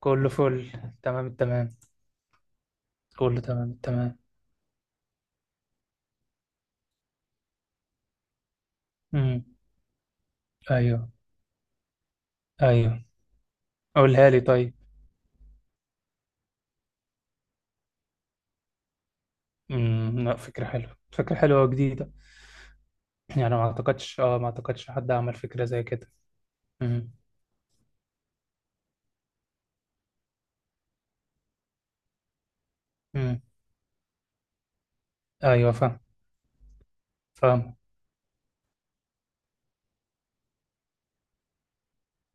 كله فل. تمام التمام. كله تمام التمام. امم، ايوه، ايوه، قولها لي طيب. امم، لا، فكرة حلوة فكرة حلوة وجديدة. يعني ما اعتقدش حد عمل فكرة زي كده. امم. امم، ايوه، فاهم فاهم.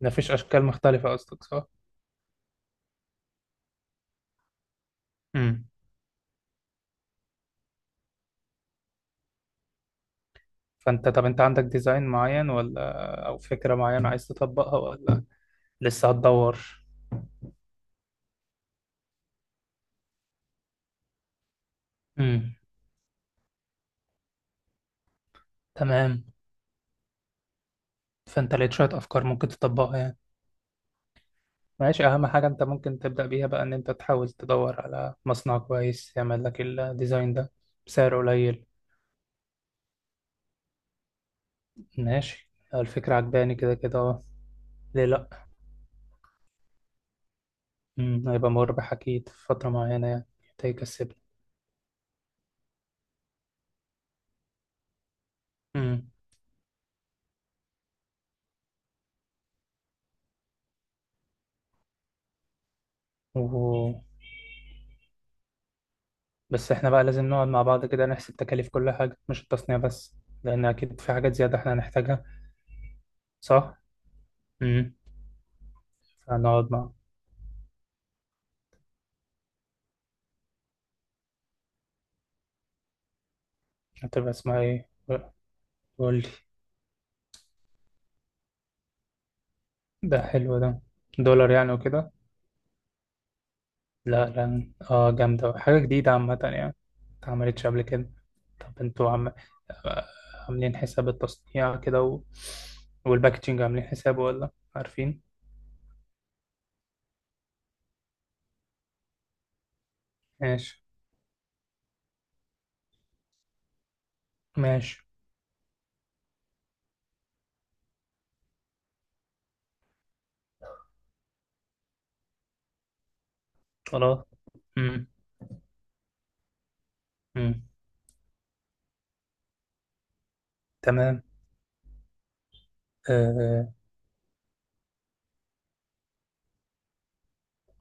مفيش اشكال مختلفة قصدك، صح؟ امم. فانت طب انت عندك ديزاين معين ولا او فكرة معينة عايز تطبقها، ولا لسه هتدور؟ امم. تمام. فانت لقيت شوية افكار ممكن تطبقها يعني. ماشي، أهم حاجة أنت ممكن تبدأ بيها بقى إن أنت تحاول تدور على مصنع كويس يعمل لك الديزاين ده بسعر قليل. ماشي، الفكرة عجباني كده كده أه. ليه لأ. هيبقى مربح أكيد في فترة معينة يعني حتى يكسبنا. أمم. و... بس إحنا بقى لازم نقعد مع بعض كده نحسب تكاليف كل حاجة، مش التصنيع بس، لأن أكيد في حاجات زيادة إحنا هنحتاجها. صح؟ أمم. فنقعد مع. هتبقى اسمها إيه؟ قول لي. ده حلو ده. دولار يعني وكده. لا لا، اه جامدة، حاجة جديدة عامة يعني، متعملتش قبل كده. طب انتوا آه، عاملين حساب التصنيع كده والباكجينج عاملين حسابه، ولا عارفين؟ ماشي ماشي. خلاص. امم. امم. تمام. آه،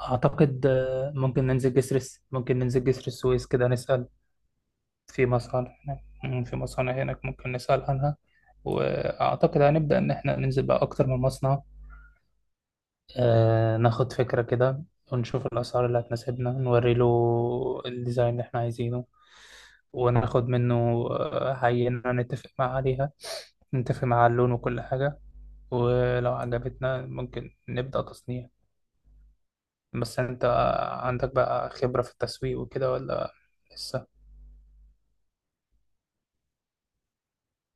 اعتقد ممكن ننزل جسر السويس كده نسأل في مصانع هناك. مم، في مصانع هناك ممكن نسأل عنها، واعتقد هنبدأ ان احنا ننزل بقى اكتر من مصنع. ناخد فكرة كده، ونشوف الأسعار اللي هتناسبنا، نوري له الديزاين اللي احنا عايزينه، وناخد منه عينة، نتفق معاه عليها، نتفق مع اللون وكل حاجة، ولو عجبتنا ممكن نبدأ تصنيع. بس انت عندك بقى خبرة في التسويق وكده، ولا لسه؟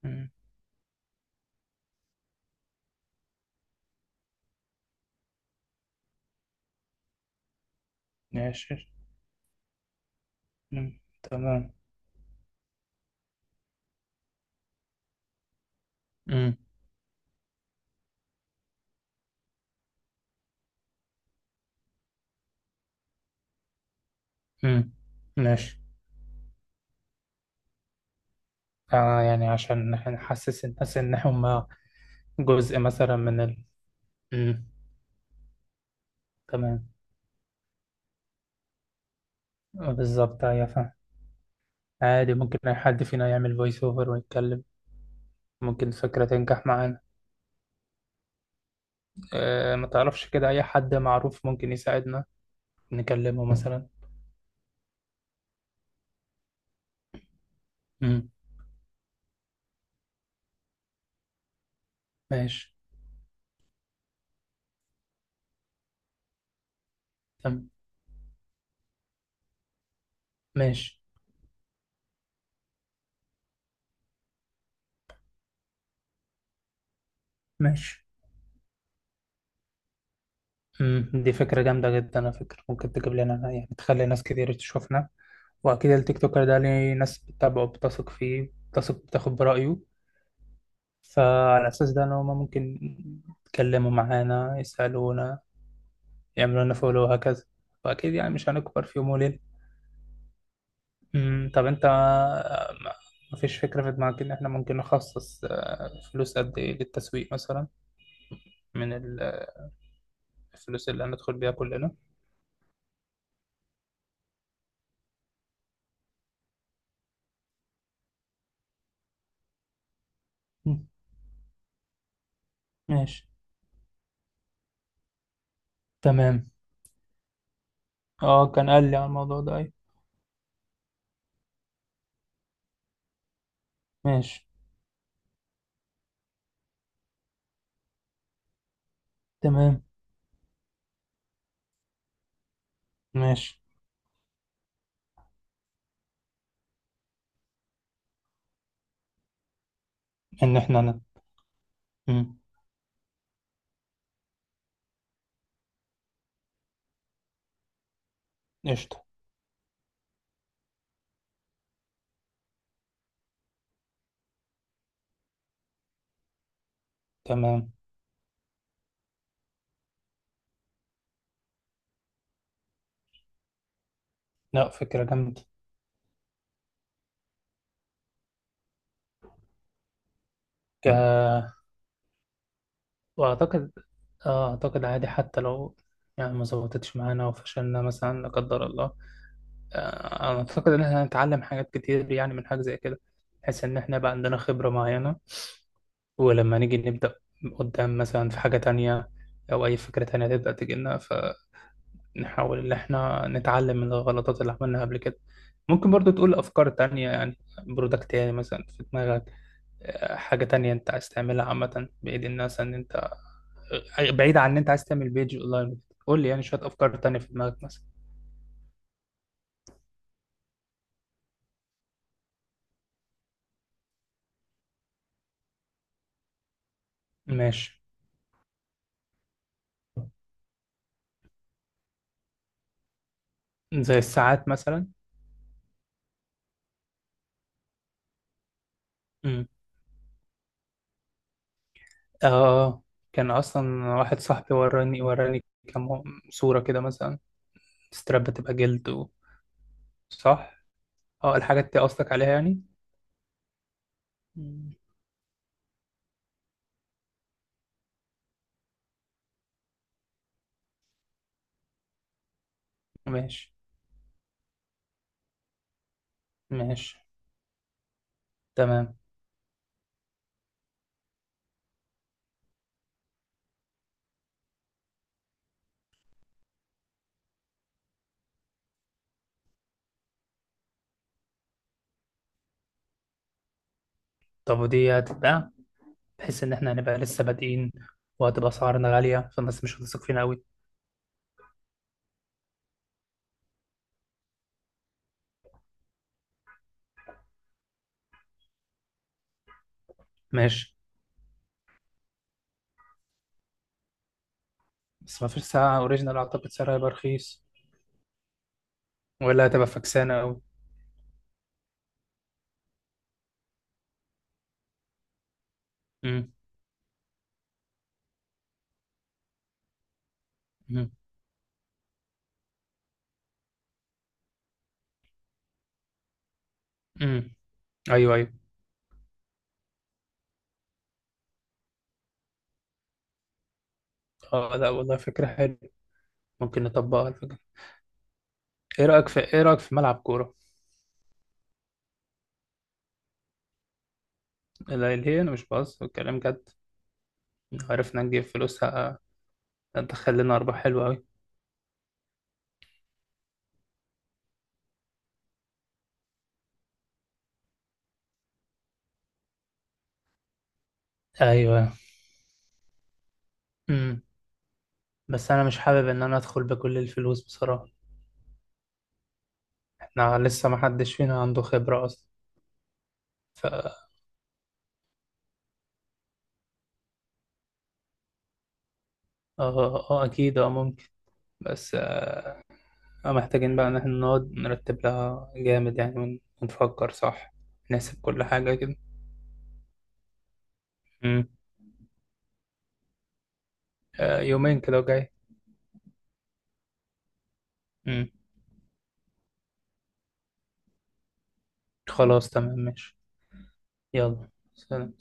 مم، ماشي. مم، تمام. مم. مم، ماشي. يعني عشان نحسس الناس إن هم جزء مثلا من مم، تمام. بالظبط، أيوة فاهم. عادي ممكن أي حد فينا يعمل فويس أوفر ويتكلم. ممكن الفكرة تنجح معانا. أه، ما تعرفش كده أي حد معروف ممكن يساعدنا، نكلمه مثلا؟ مم. ماشي. تمام. ماشي. ماشي. دي فكرة جامدة جدا على فكرة، ممكن تجيب لنا يعني تخلي ناس كتير تشوفنا، وأكيد التيك توكر ده ليه ناس بتتابعه، بتثق فيه، بتثق بتاخد برأيه، فعلى أساس ده إن هما ممكن يتكلموا معانا، يسألونا، يعملوا لنا فولو وهكذا. واكيد يعني مش هنكبر في يوم وليله. أمم، طب انت ما ما فيش فكره في دماغك ان احنا ممكن نخصص فلوس قد ايه للتسويق مثلا من الفلوس اللي هندخل بيها كلنا؟ أمم. ماشي. تمام. اه، كان قال لي على الموضوع ده اي. ماشي. تمام. ماشي. ان احنا أمم. قشطه. تمام. لا، فكره جامده. آه، واعتقد، اه اعتقد عادي حتى لو يعني ما ظبطتش معانا وفشلنا مثلا، لا قدر الله. انا اعتقد ان احنا هنتعلم حاجات كتير يعني من حاجه زي كده، بحيث ان احنا بقى عندنا خبره معينه، ولما نيجي نبدا قدام مثلا في حاجه تانية، او اي فكره تانية تبدا تجي لنا، فنحاول ان احنا نتعلم من الغلطات اللي عملناها قبل كده. ممكن برضو تقول افكار تانية يعني، برودكت يعني مثلا في دماغك، حاجه تانية انت عايز تعملها عامه، بعيد الناس ان انت، بعيد عن ان انت عايز تعمل بيج اونلاين. قول لي يعني شويه افكار تانية في دماغك مثلا. ماشي. زي الساعات مثلا. اه آه. كان اصلا واحد صاحبي وراني وراني كام صورة كده مثلا، ستراب بتبقى جلد صح. اه الحاجات دي قصدك عليها يعني. مم. ماشي. ماشي. تمام. طب ودي هتتباع بحيث ان احنا هنبقى لسه بادئين، وهتبقى اسعارنا غالية فالناس مش هتثق فينا قوي. ماشي. بس ما فيش ساعة اوريجينال اعتقد سعرها هيبقى رخيص، ولا هتبقى فكسانة قوي. امم. امم. امم. ايوه ايوه. اه، لا والله فكرة حلوة. ممكن نطبقها الفكرة. ايه رأيك في ملعب كورة؟ لا ليه، انا مش بهزر، الكلام جد. لو عرفنا نجيب فلوس هتدخل لنا ارباح حلوه قوي. ايوه. امم. بس انا مش حابب ان انا ادخل بكل الفلوس بصراحه. احنا لسه ما حدش فينا عنده خبره اصلا. ف اه، اه اكيد، اه ممكن، بس آه، محتاجين بقى ان احنا نقعد نرتب لها جامد، يعني ونفكر صح، نحسب كل حاجه كده. امم. يومين كده وجاي. امم. خلاص تمام ماشي. يلا، سلام.